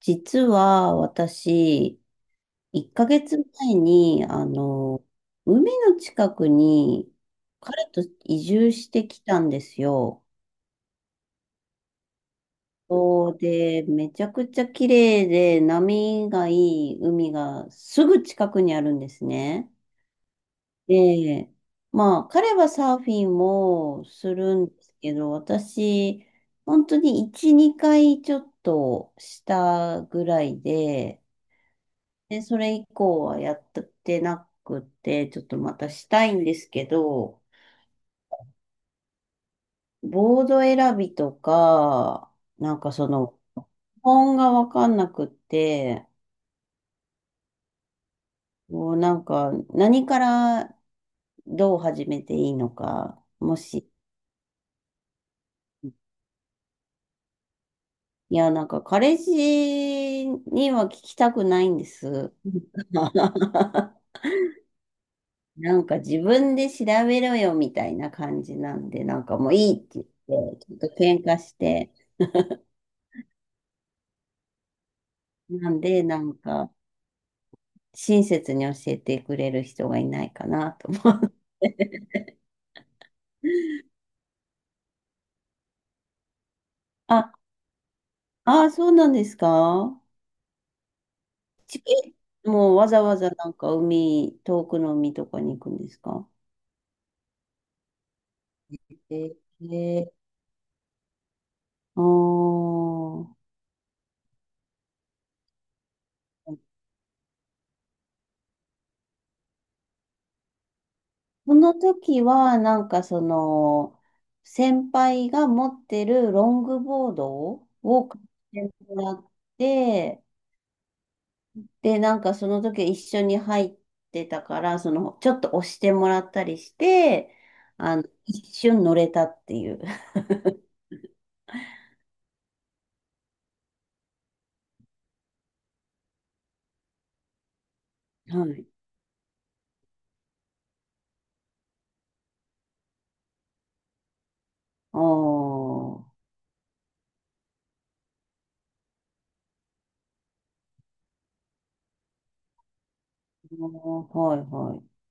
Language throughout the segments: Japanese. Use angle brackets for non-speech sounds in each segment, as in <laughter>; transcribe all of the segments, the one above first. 実は私、1ヶ月前に、海の近くに彼と移住してきたんですよ。そうで、めちゃくちゃ綺麗で波がいい海がすぐ近くにあるんですね。で、まあ、彼はサーフィンもするんですけど、私、本当に1、2回ちょっとしたぐらいで、それ以降はやってなくて、ちょっとまたしたいんですけど、ボード選びとか、なんか本がわかんなくって、もうなんか、何からどう始めていいのか、いや、なんか、彼氏には聞きたくないんです。<laughs> なんか自分で調べろよみたいな感じなんで、なんかもういいって言って、ちょっと喧嘩して、なんで、なんか、親切に教えてくれる人がいないかなと思う。<laughs> あ、ああ、そうなんですか？ち、え、もうわざわざなんか遠くの海とかに行くんですか？ええ、ああー、その時はなんか先輩が持ってるロングボードを買ってもらって、で、なんかその時一緒に入ってたから、ちょっと押してもらったりして、一瞬乗れたっていう。<laughs> はい。ああ、はいはい。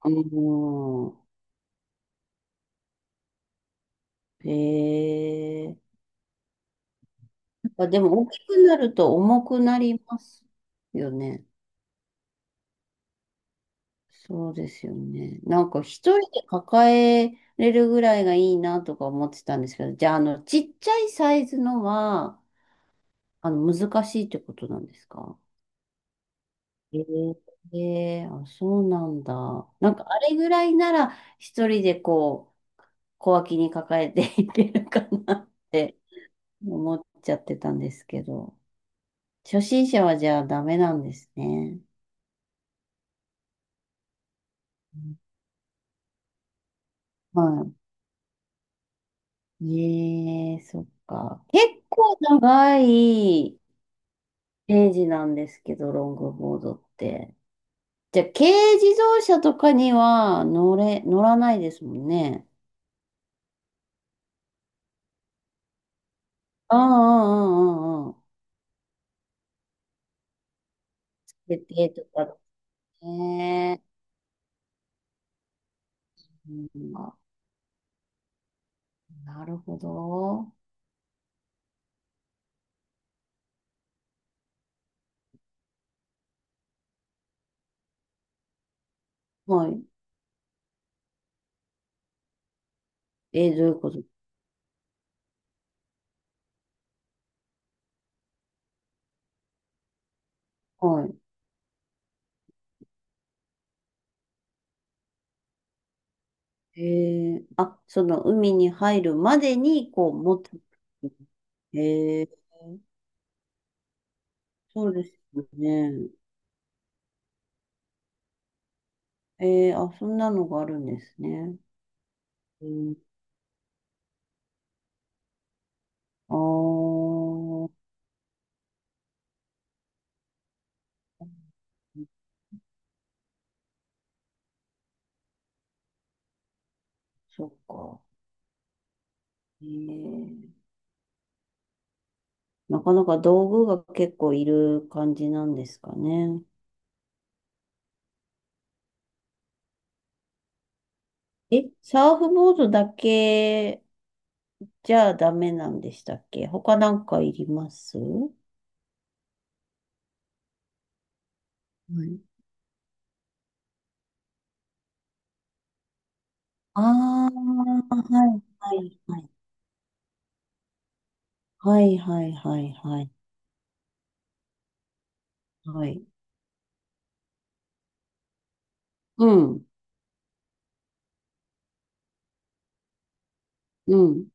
うん。へえ。やっぱでも大きくなると重くなりますよね。そうですよね。なんか一人で抱えれるぐらいがいいなとか思ってたんですけど、じゃあ、ちっちゃいサイズのは、難しいってことなんですか？ええ、あ、そうなんだ。なんかあれぐらいなら一人でこう小脇に抱えて <laughs> いけるかなって思っちゃってたんですけど、初心者はじゃあダメなんですね。うん、はい。ええ、そっか。結構長いページなんですけど、ロングボードって。じゃあ軽自動車とかには乗らないですもんね。ああああああああ、設定とか。ねえ。うん、あ、なるほど。はい。どういうこと？はい。あ、その海に入るまでに、こう、持つ。えー、そうですよね。あ、そんなのがあるんですね。うん、あー、そっか。えー、なかなか道具が結構いる感じなんですかね？え、サーフボードだけじゃあダメなんでしたっけ？他なんかいります？はい、ああー、はい、はい、はい、はい、はい、はい、はいはい。うん、うん。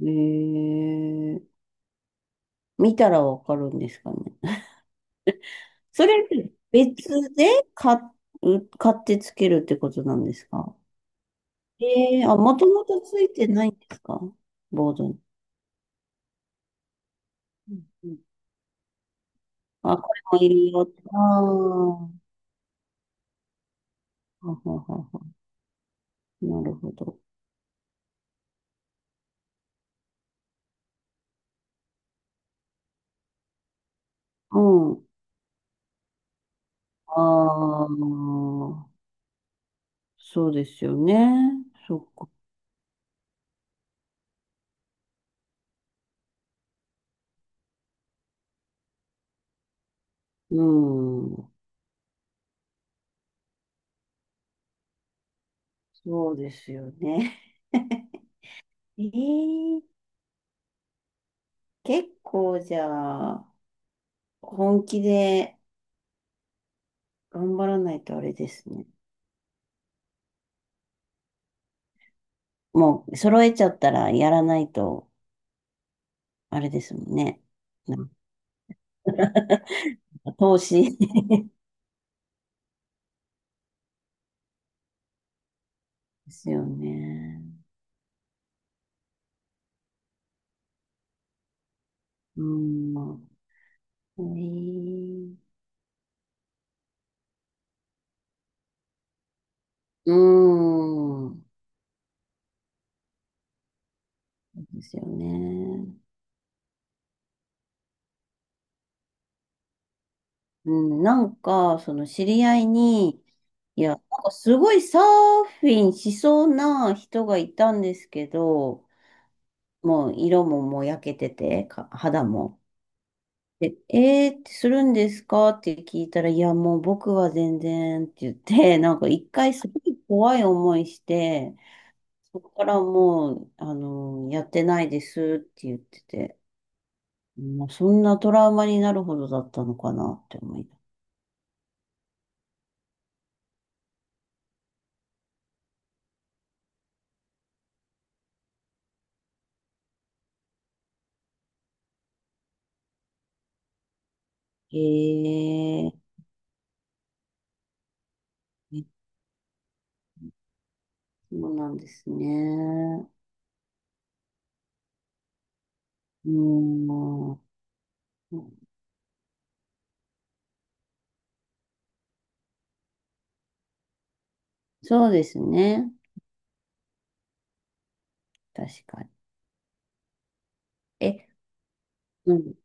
えー、見たらわかるんですかね？<laughs> それ、別で買買ってつけるってことなんですか？あ、もともとついてないんですか？ボードに。うんうん、あ、これもいるよって。ああ、ははははなるほど。うん。ああ、そうですよね。そっか。うん。そうですよね。<laughs> ええ、結構じゃあ、本気で頑張らないとあれですね。もう、揃えちゃったらやらないと、あれですもんね。なんか投資 <laughs> ですよね。うん。ええ、うん。そうですよね。うん、なんか、その知り合いに、いや、なんかすごいサーフィンしそうな人がいたんですけど、もう色ももう焼けてて、肌も。で、えーってするんですかって聞いたら、いや、もう僕は全然って言って、なんか一回すごい怖い思いして、そこからもう、やってないですって言ってて、もうそんなトラウマになるほどだったのかなって思います。へえ、そうなんですね。うーん。そうですね。確かに。え、うん。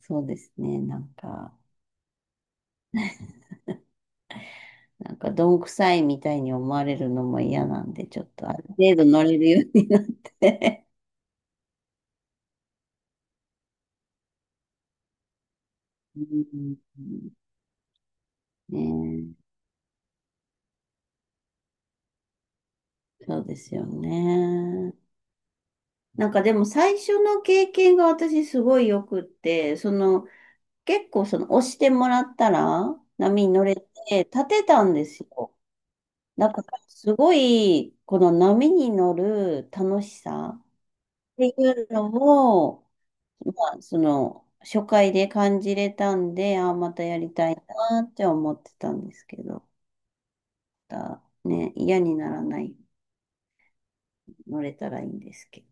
そうですね。なんか、どんくさいみたいに思われるのも嫌なんで、ちょっとある程度乗れるようになって。うん、ねえ、そうですよね。なんかでも最初の経験が私すごいよくって、その結構その押してもらったら波に乗れて立てたんですよ。なんか、すごい、この波に乗る楽しさっていうのを、まあ、初回で感じれたんで、ああ、またやりたいなって思ってたんですけど、またね、嫌にならない、乗れたらいいんですけ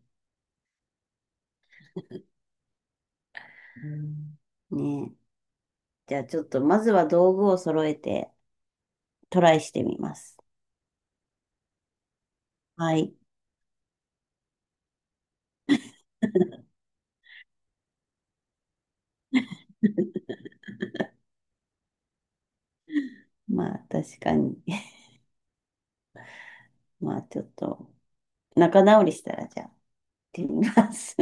どね。じゃあ、ちょっと、まずは道具を揃えて、トライしてみます。はい。まあ、確かに。<laughs> まあ、ちょっと、仲直りしたら、じゃあ、行ってみます。